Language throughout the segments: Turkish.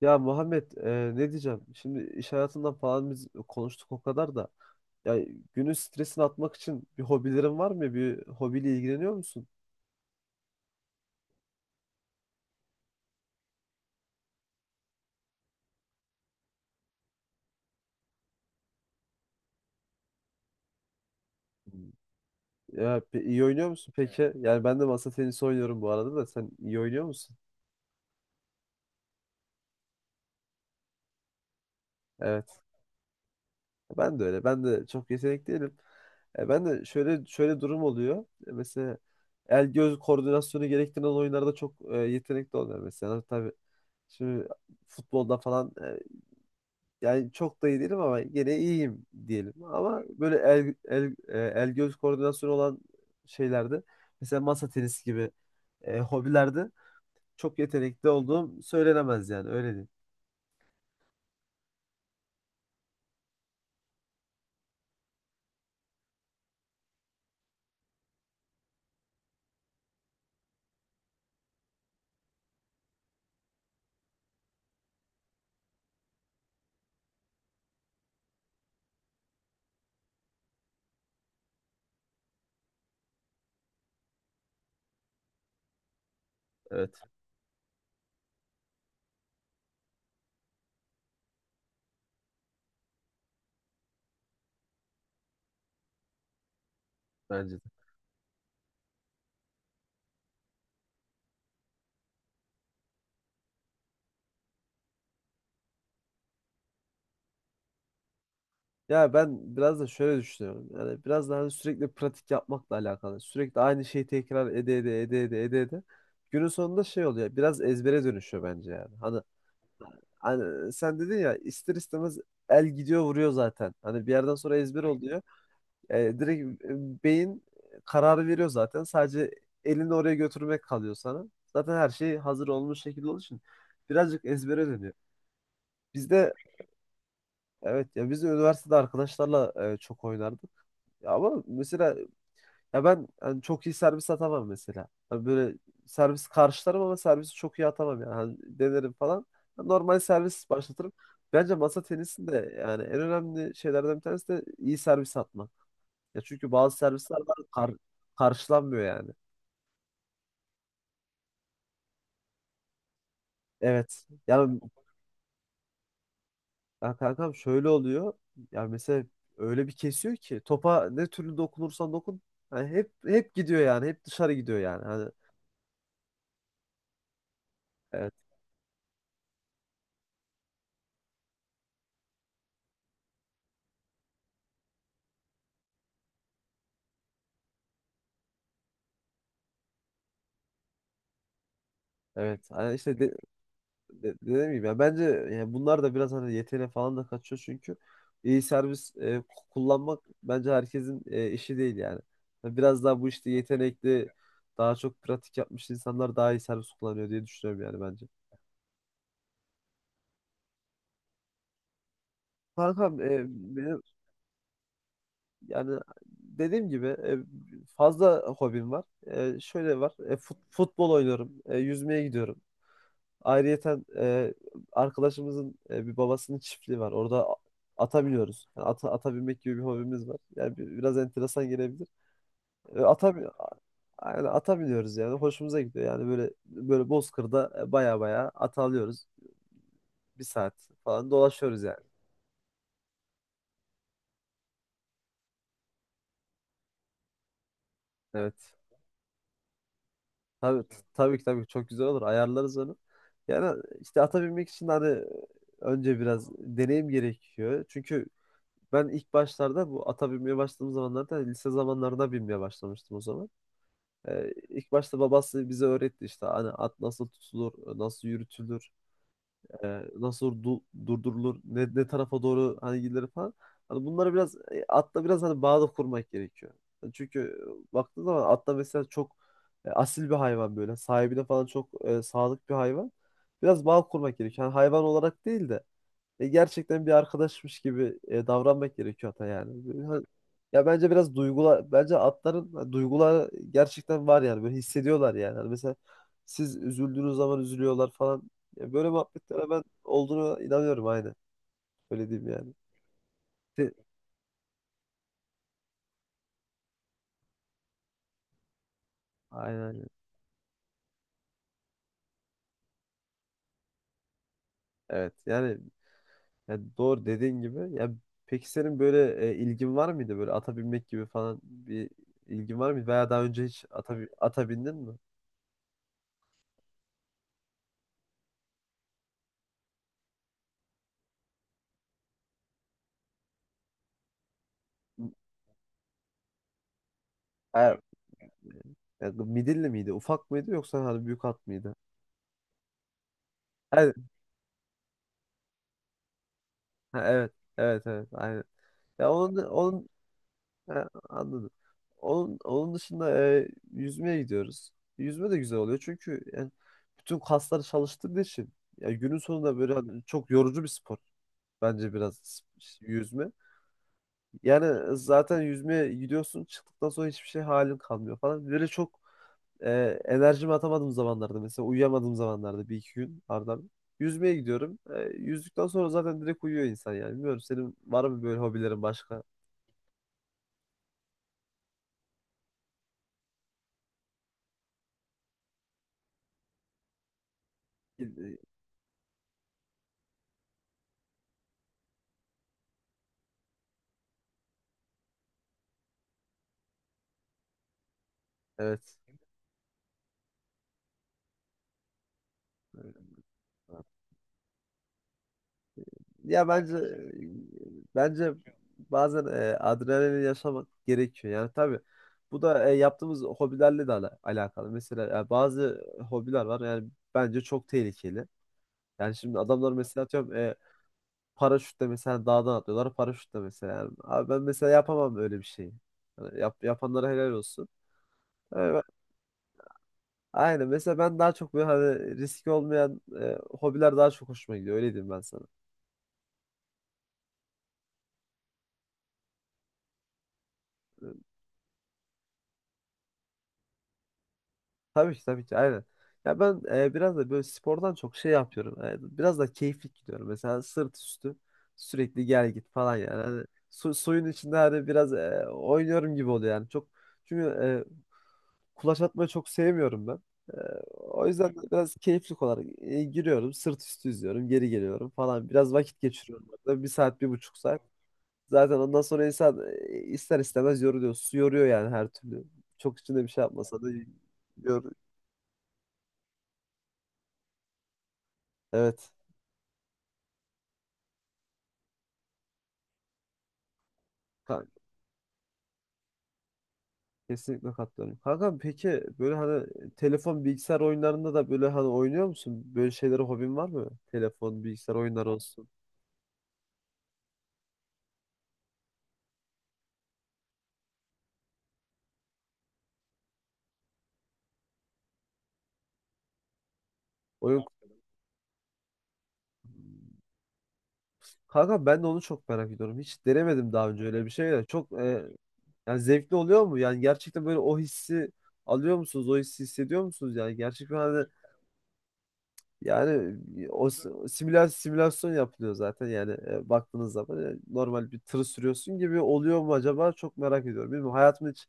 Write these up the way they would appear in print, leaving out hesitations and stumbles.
Ya Muhammed ne diyeceğim? Şimdi iş hayatından falan biz konuştuk o kadar da. Ya günün stresini atmak için bir hobilerin var mı? Bir hobiyle ilgileniyor musun? Hmm. Ya iyi oynuyor musun peki? Yani ben de masa tenisi oynuyorum bu arada da sen iyi oynuyor musun? Evet. Ben de öyle. Ben de çok yetenekli değilim. Ben de şöyle şöyle durum oluyor. Mesela el göz koordinasyonu gerektiren oyunlarda çok yetenekli olmuyorum mesela. Tabii şimdi futbolda falan yani çok da iyi değilim ama gene iyiyim diyelim. Ama böyle el göz koordinasyonu olan şeylerde mesela masa tenisi gibi hobilerde çok yetenekli olduğum söylenemez yani öyle diyeyim. Evet, bence de. Ya ben biraz da şöyle düşünüyorum. Yani biraz daha sürekli pratik yapmakla alakalı. Sürekli aynı şeyi tekrar ede ede ede ede ede ede. Günün sonunda şey oluyor. Biraz ezbere dönüşüyor bence yani. Hani sen dedin ya ister istemez el gidiyor vuruyor zaten. Hani bir yerden sonra ezber oluyor. Direkt beyin kararı veriyor zaten. Sadece elini oraya götürmek kalıyor sana. Zaten her şey hazır olmuş şekilde olduğu için birazcık ezbere dönüyor. Bizde evet ya biz de üniversitede arkadaşlarla çok oynardık. Ya ama mesela ya ben hani çok iyi servis atamam mesela. Hani böyle servis karşılarım ama servisi çok iyi atamam yani. Hani denerim falan. Normal servis başlatırım. Bence masa tenisinde yani en önemli şeylerden bir tanesi de iyi servis atmak. Ya çünkü bazı servisler var karşılanmıyor yani. Evet. Yani ya kankam şöyle oluyor. Ya mesela öyle bir kesiyor ki topa ne türlü dokunursan dokun hani hep hep gidiyor yani. Hep dışarı gidiyor yani. Hani evet, evet. Hani işte dediğim gibi ya bence yani bunlar da biraz hani yeteneğe falan da kaçıyor çünkü iyi servis kullanmak bence herkesin işi değil yani. Yani biraz daha bu işte yetenekli daha çok pratik yapmış insanlar daha iyi servis kullanıyor diye düşünüyorum yani bence. Kankam benim yani dediğim gibi fazla hobim var. Şöyle var. Futbol oynuyorum. Yüzmeye gidiyorum. Ayrıyeten arkadaşımızın bir babasının çiftliği var. Orada ata biniyoruz. Yani ata binmek gibi bir hobimiz var. Yani biraz enteresan gelebilir. E, ata, bi- aynen ata biniyoruz yani. Hoşumuza gidiyor. Yani böyle böyle Bozkır'da baya baya ata alıyoruz. Bir saat falan dolaşıyoruz yani. Evet. Tabii ki tabii ki çok güzel olur. Ayarlarız onu. Yani işte ata binmek için hani önce biraz deneyim gerekiyor. Çünkü ben ilk başlarda bu ata binmeye başladığım zamanlarda lise zamanlarında binmeye başlamıştım o zaman. İlk başta babası bize öğretti işte hani at nasıl tutulur, nasıl yürütülür nasıl durdurulur, ne tarafa doğru hani gidilir falan. Hani bunlara biraz atla biraz hani bağda kurmak gerekiyor. Yani çünkü baktığın zaman atla mesela çok asil bir hayvan böyle. Sahibine falan çok sadık bir hayvan. Biraz bağ kurmak gerekiyor. Yani hayvan olarak değil de gerçekten bir arkadaşmış gibi davranmak gerekiyor ata yani. Böyle. Ya bence biraz duygular, bence atların hani duyguları gerçekten var yani. Böyle hissediyorlar yani. Hani mesela siz üzüldüğünüz zaman üzülüyorlar falan. Ya böyle muhabbetlere ben olduğunu inanıyorum aynen. Öyle diyeyim yani. De- Aynen, aynen. Evet. Yani doğru dediğin gibi. Ya peki senin böyle ilgin var mıydı böyle ata binmek gibi falan bir ilgin var mıydı veya daha önce hiç ata bindin mi? Hayır. Ya, midilli miydi? Ufak mıydı yoksa hani büyük at mıydı? Evet. Ha, evet. Evet, evet, aynen. Ya onun ha, anladım. Onun dışında yüzmeye gidiyoruz. Yüzme de güzel oluyor çünkü yani bütün kasları çalıştırdığı için ya günün sonunda böyle hani çok yorucu bir spor. Bence biraz yüzme. Yani zaten yüzmeye gidiyorsun çıktıktan sonra hiçbir şey halin kalmıyor falan. Böyle çok e, enerjimi atamadığım zamanlarda mesela uyuyamadığım zamanlarda bir iki gün ardından yüzmeye gidiyorum. Yüzdükten sonra zaten direkt uyuyor insan yani. Bilmiyorum senin var mı böyle hobilerin başka? Evet. Ya bence bazen adrenalin yaşamak gerekiyor. Yani tabii bu da yaptığımız hobilerle de alakalı. Mesela bazı hobiler var yani bence çok tehlikeli. Yani şimdi adamlar mesela atıyorum paraşütle mesela dağdan atlıyorlar paraşütle mesela. Yani abi ben mesela yapamam öyle bir şeyi. Yani yapanlara helal olsun. Yani aynen mesela ben daha çok böyle hani riski olmayan hobiler daha çok hoşuma gidiyor. Öyle diyeyim ben sana. Tabii ki tabii ki aynen. Ya ben biraz da böyle spordan çok şey yapıyorum. Biraz da keyiflik gidiyorum. Mesela sırt üstü sürekli gel git falan yani. Hani suyun içinde hani biraz oynuyorum gibi oluyor yani. Çok çünkü kulaç atmayı çok sevmiyorum ben. E, O yüzden de biraz keyiflik olarak giriyorum. Sırt üstü yüzüyorum. Geri geliyorum falan. Biraz vakit geçiriyorum orada. Bir saat, bir buçuk saat. Zaten ondan sonra insan ister istemez yoruluyor. Su yoruyor yani her türlü. Çok içinde bir şey yapmasa da yor- Evet. Ka- Kesinlikle katılıyorum. Kanka peki böyle hani telefon bilgisayar oyunlarında da böyle hani oynuyor musun? Böyle şeylere hobin var mı? Telefon, bilgisayar oyunları olsun. Oyun kanka ben de onu çok merak ediyorum. Hiç denemedim daha önce öyle bir şey de. Çok yani zevkli oluyor mu? Yani gerçekten böyle o hissi alıyor musunuz? O hissi hissediyor musunuz? Yani gerçekten hani yani o simülasyon yapılıyor zaten yani baktığınız zaman normal bir tırı sürüyorsun gibi oluyor mu acaba? Çok merak ediyorum. Bilmiyorum hayatımda hiç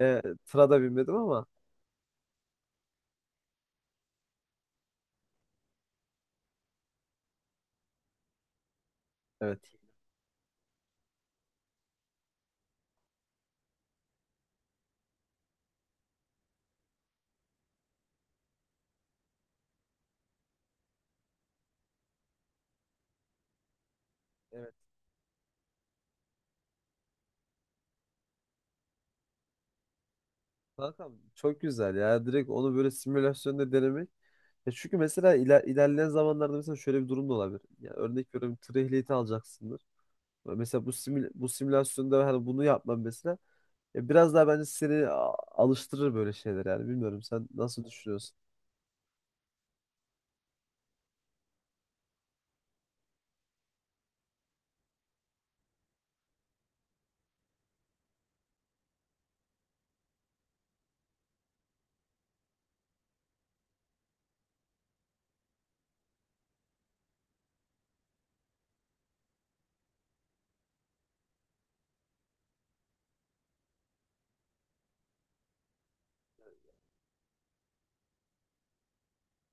Tıra da binmedim ama evet. Evet. Kankam çok güzel ya. Direkt onu böyle simülasyonda denemek. Ya çünkü mesela ilerleyen zamanlarda mesela şöyle bir durum da olabilir. Ya örnek veriyorum tır ehliyeti alacaksındır. Ya mesela bu simülasyonda hani bunu yapmam mesela. Ya biraz daha bence seni alıştırır böyle şeyler yani. Bilmiyorum sen nasıl düşünüyorsun?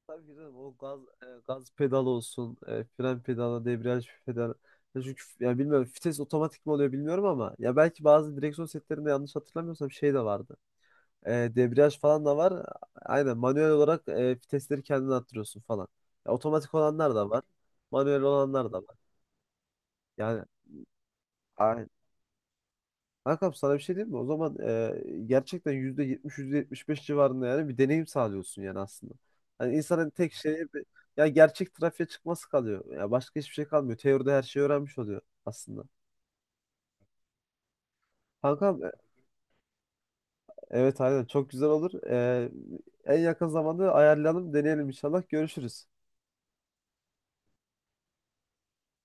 Tabii ki canım o gaz pedalı olsun, fren pedalı, debriyaj pedalı. Ya çünkü ya bilmiyorum vites otomatik mi oluyor bilmiyorum ama ya belki bazı direksiyon setlerinde yanlış hatırlamıyorsam şey de vardı. Debriyaj falan da var. Aynen manuel olarak vitesleri kendin arttırıyorsun falan. Ya, otomatik olanlar da var. Manuel olanlar da var. Yani aynen. Kankam sana bir şey diyeyim mi? O zaman gerçekten %70, beş civarında yani bir deneyim sağlıyorsun yani aslında. Hani insanın tek şeyi ya gerçek trafiğe çıkması kalıyor. Ya başka hiçbir şey kalmıyor. Teoride her şeyi öğrenmiş oluyor aslında. Kankam evet aynen çok güzel olur. En yakın zamanda ayarlayalım, deneyelim inşallah. Görüşürüz.